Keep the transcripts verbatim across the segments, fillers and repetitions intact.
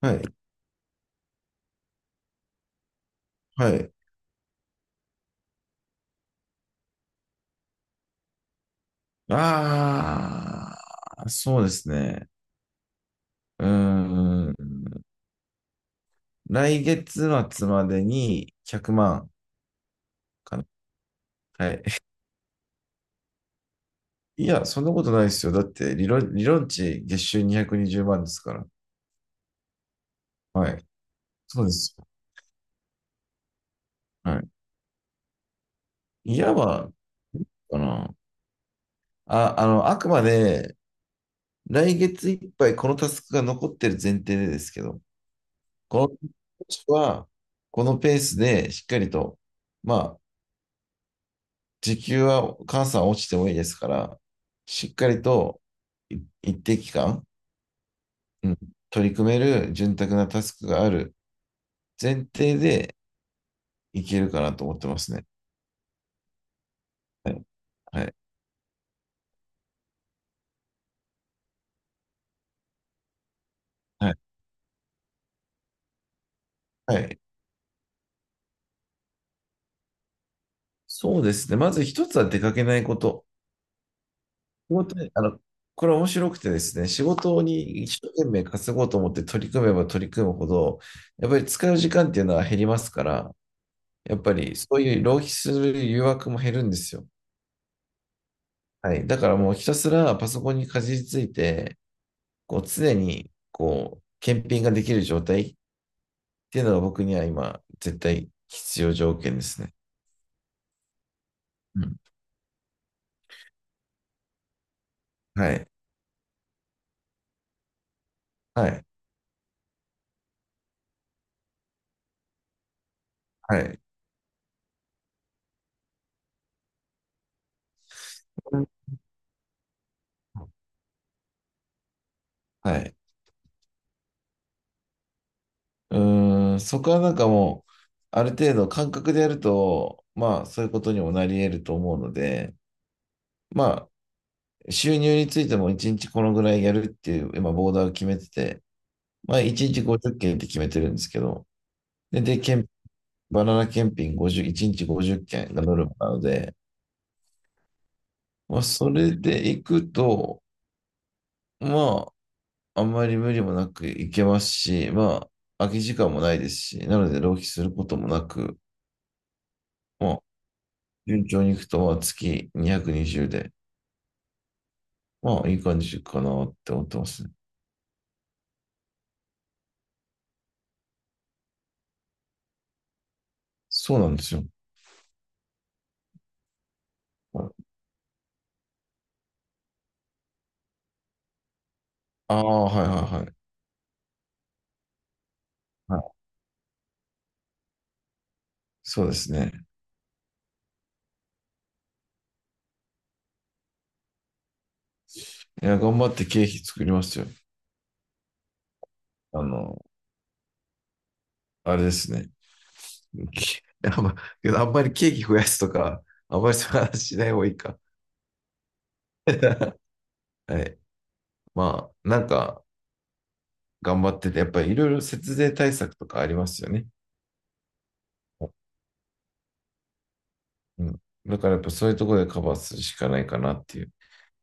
はい。はい。ああ、そうですね。うーん。来月末までにひゃくまんかな。はい。いや、そんなことないですよ。だって、理論、理論値月収にひゃくにじゅうまんですから。はい。そうです。はい。いわば、まあの、あ、あの、あくまで、来月いっぱいこのタスクが残ってる前提でですけど、この、は、このペースでしっかりと、まあ、時給はお母さん落ちてもいいですから、しっかりとい一定期間、うん、取り組める潤沢なタスクがある前提でいけるかなと思ってますね。はい。はい。はい。はい。そうですね。まず一つは出かけないこと。仕事にあの、これ面白くてですね、仕事に一生懸命稼ごうと思って取り組めば取り組むほど、やっぱり使う時間っていうのは減りますから、やっぱりそういう浪費する誘惑も減るんですよ。はい。だからもうひたすらパソコンにかじりついて、こう常にこう検品ができる状態っていうのが僕には今絶対必要条件ですね。うん。はい。はい。はい。うん。はい。はい。はい。はい。うーん。そこはなんかもう、ある程度感覚でやると、まあそういうことにもなり得ると思うので、まあ収入についてもいちにちこのぐらいやるっていう今ボーダーを決めてて、まあいちにちごじゅっけんっけんって決めてるんですけど、で、で、検バナナ検品ごじゅう、いちにちごじゅっけんがノルマなので、まあ、それで行くと、まあ、あんまり無理もなく行けますし、まあ、空き時間もないですし、なので浪費することもなく、まあ、順調に行くと、まあ、月にひゃくにじゅうで、まあ、いい感じかなって思ってますね。そうなんですよ。ああ、はいはいはい。はい、そうですね。いや、頑張って経費作りますよ。あの、あれですね。あんまあんまりケーキ増やすとか、あんまりそういう話しない方がいいか。はい。まあ、なんか頑張ってて、やっぱりいろいろ節税対策とかありますよね。うん。だからやっぱそういうところでカバーするしかないかなっていう。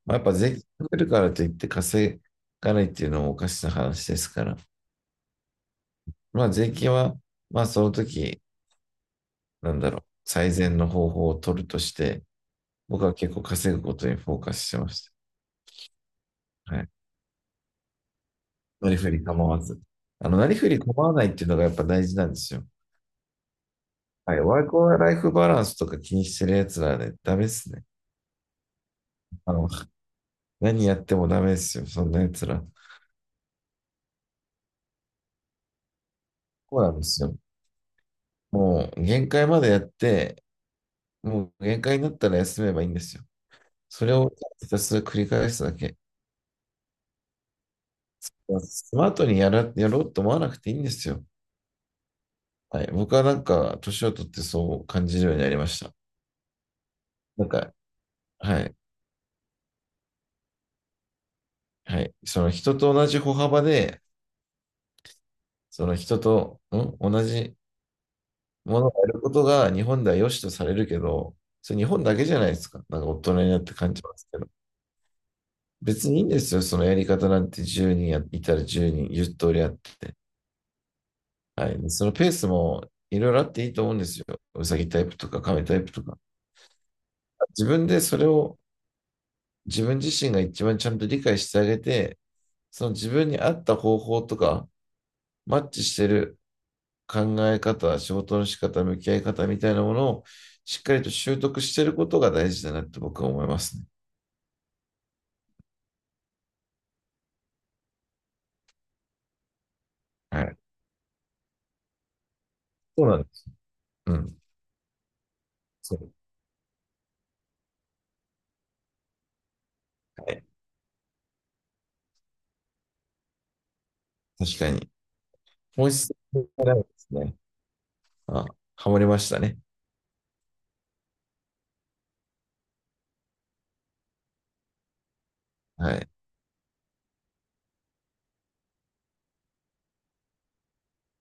まあ、やっぱ税金かけるからといって稼がないっていうのもおかしな話ですから。まあ税金は、まあその時、なんだろう、最善の方法を取るとして、僕は結構稼ぐことにフォーカスしてました。はい。なりふり構わず。あの、なりふり構わないっていうのがやっぱ大事なんですよ。はい。ワークライフバランスとか気にしてる奴らね、ダメっすね。あの、何やってもダメっすよ。そんな奴ら。そうなんですよ。もう、限界までやって、もう限界になったら休めばいいんですよ。それをひたすら繰り返すだけ。スマートにやら、やろうと思わなくていいんですよ。はい。僕はなんか、年を取ってそう感じるようになりました。なんか、はい。はい。その人と同じ歩幅でその人と、ん同じものをやることが日本では良しとされるけど、それ日本だけじゃないですか。なんか大人になって感じますけど。別にいいんですよ。そのやり方なんてじゅうにんやいたらじゅうにん、言じゅう通りあって、はい。そのペースもいろいろあっていいと思うんですよ。うさぎタイプとか亀タイプとか。自分でそれを自分自身が一番ちゃんと理解してあげて、その自分に合った方法とか、マッチしてる考え方、仕事の仕方、向き合い方みたいなものをしっかりと習得していることが大事だなって僕は思いますね。はい。そうなんです。うん。そう。はい、確かに。本質がなんですね。あ、ハマりましたね。はい。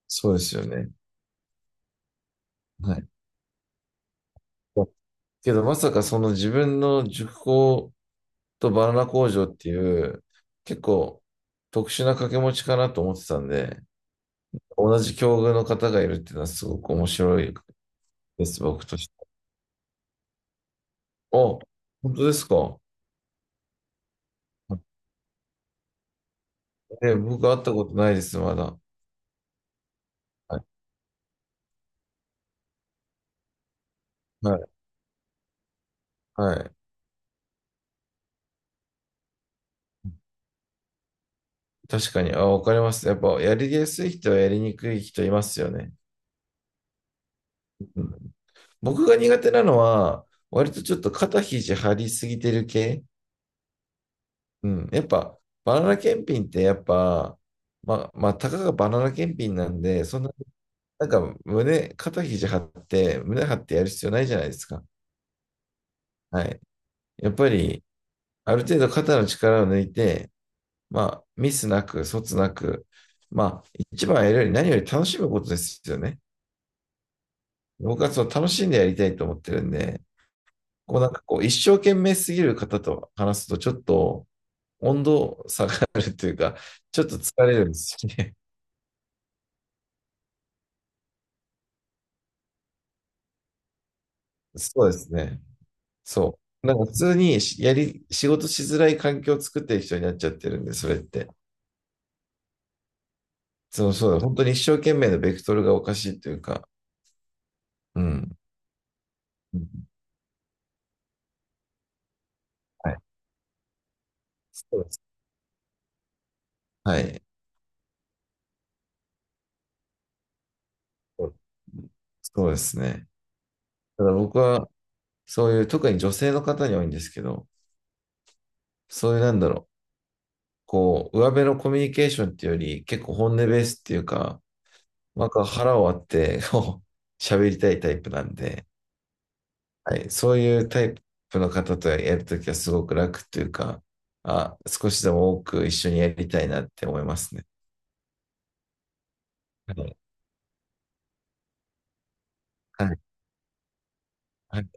そうですよね。はい。けどまさかその自分の塾講とバナナ工場っていう結構特殊な掛け持ちかなと思ってたんで、同じ境遇の方がいるっていうのはすごく面白いです、僕として。あ、本当ですか。ね、僕会ったことないです、まだ。はい。はい。はい。確かに。あ、わかります。やっぱ、やりやすい人はやりにくい人いますよね。うん。僕が苦手なのは、割とちょっと肩肘張りすぎてる系。うん。やっぱ、バナナ検品ってやっぱ、まあ、まあ、たかがバナナ検品なんで、そんな、なんか胸、肩肘張って、胸張ってやる必要ないじゃないですか。はい。やっぱり、ある程度肩の力を抜いて、まあ、ミスなく、卒なく、まあ、一番やるより何より楽しむことですよね。僕はその楽しんでやりたいと思ってるんで、こうなんかこう、一生懸命すぎる方と話すと、ちょっと温度下がるというか、ちょっと疲れるんですよね。そうですね。そう。なんか普通にやり、仕事しづらい環境を作ってる人になっちゃってるんで、それって。そう、そうだ、本当に一生懸命のベクトルがおかしいというか、うん。うん。はい。そうです。はい。そう。そうですね。だから僕は、そういう、特に女性の方に多いんですけど、そういうなんだろう、こう、上辺のコミュニケーションっていうより、結構本音ベースっていうか、なんか腹を割ってこう喋りたいタイプなんで、はい、そういうタイプの方とやるときはすごく楽っていうか、あ、少しでも多く一緒にやりたいなって思いますね。はい。はい。はい。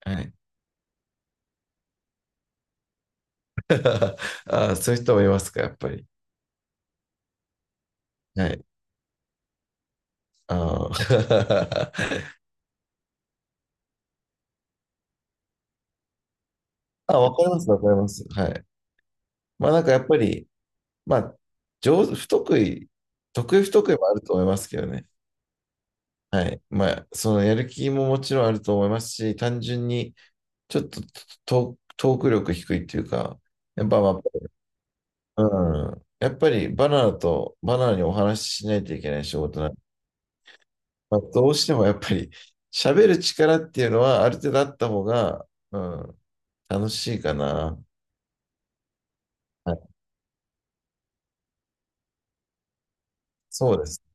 はい。 あ、そういう人もいますか、やっぱり。はい。あー。 あ、わかります、わかります。はい。まあなんかやっぱり、まあ、上手、不得意、得意不得意もあると思いますけどね。はい。まあ、そのやる気ももちろんあると思いますし、単純にちょっとトトーク力低いっていうか、やっぱ、まあ、うん。やっぱりバナナとバナナにお話ししないといけない仕事なんで、まあ、どうしてもやっぱり喋る力っていうのはある程度あった方が、うん、楽しいかな。はい、そうですね。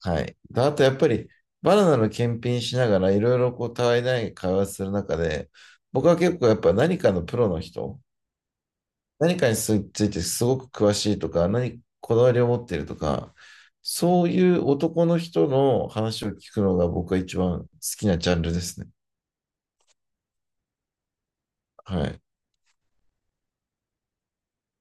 はい。であとやっぱりバナナの検品しながらいろいろこうたわいない会話する中で、僕は結構やっぱ何かのプロの人、何かについてすごく詳しいとか、何、こだわりを持っているとか、そういう男の人の話を聞くのが僕は一番好きなジャンルですね。はい。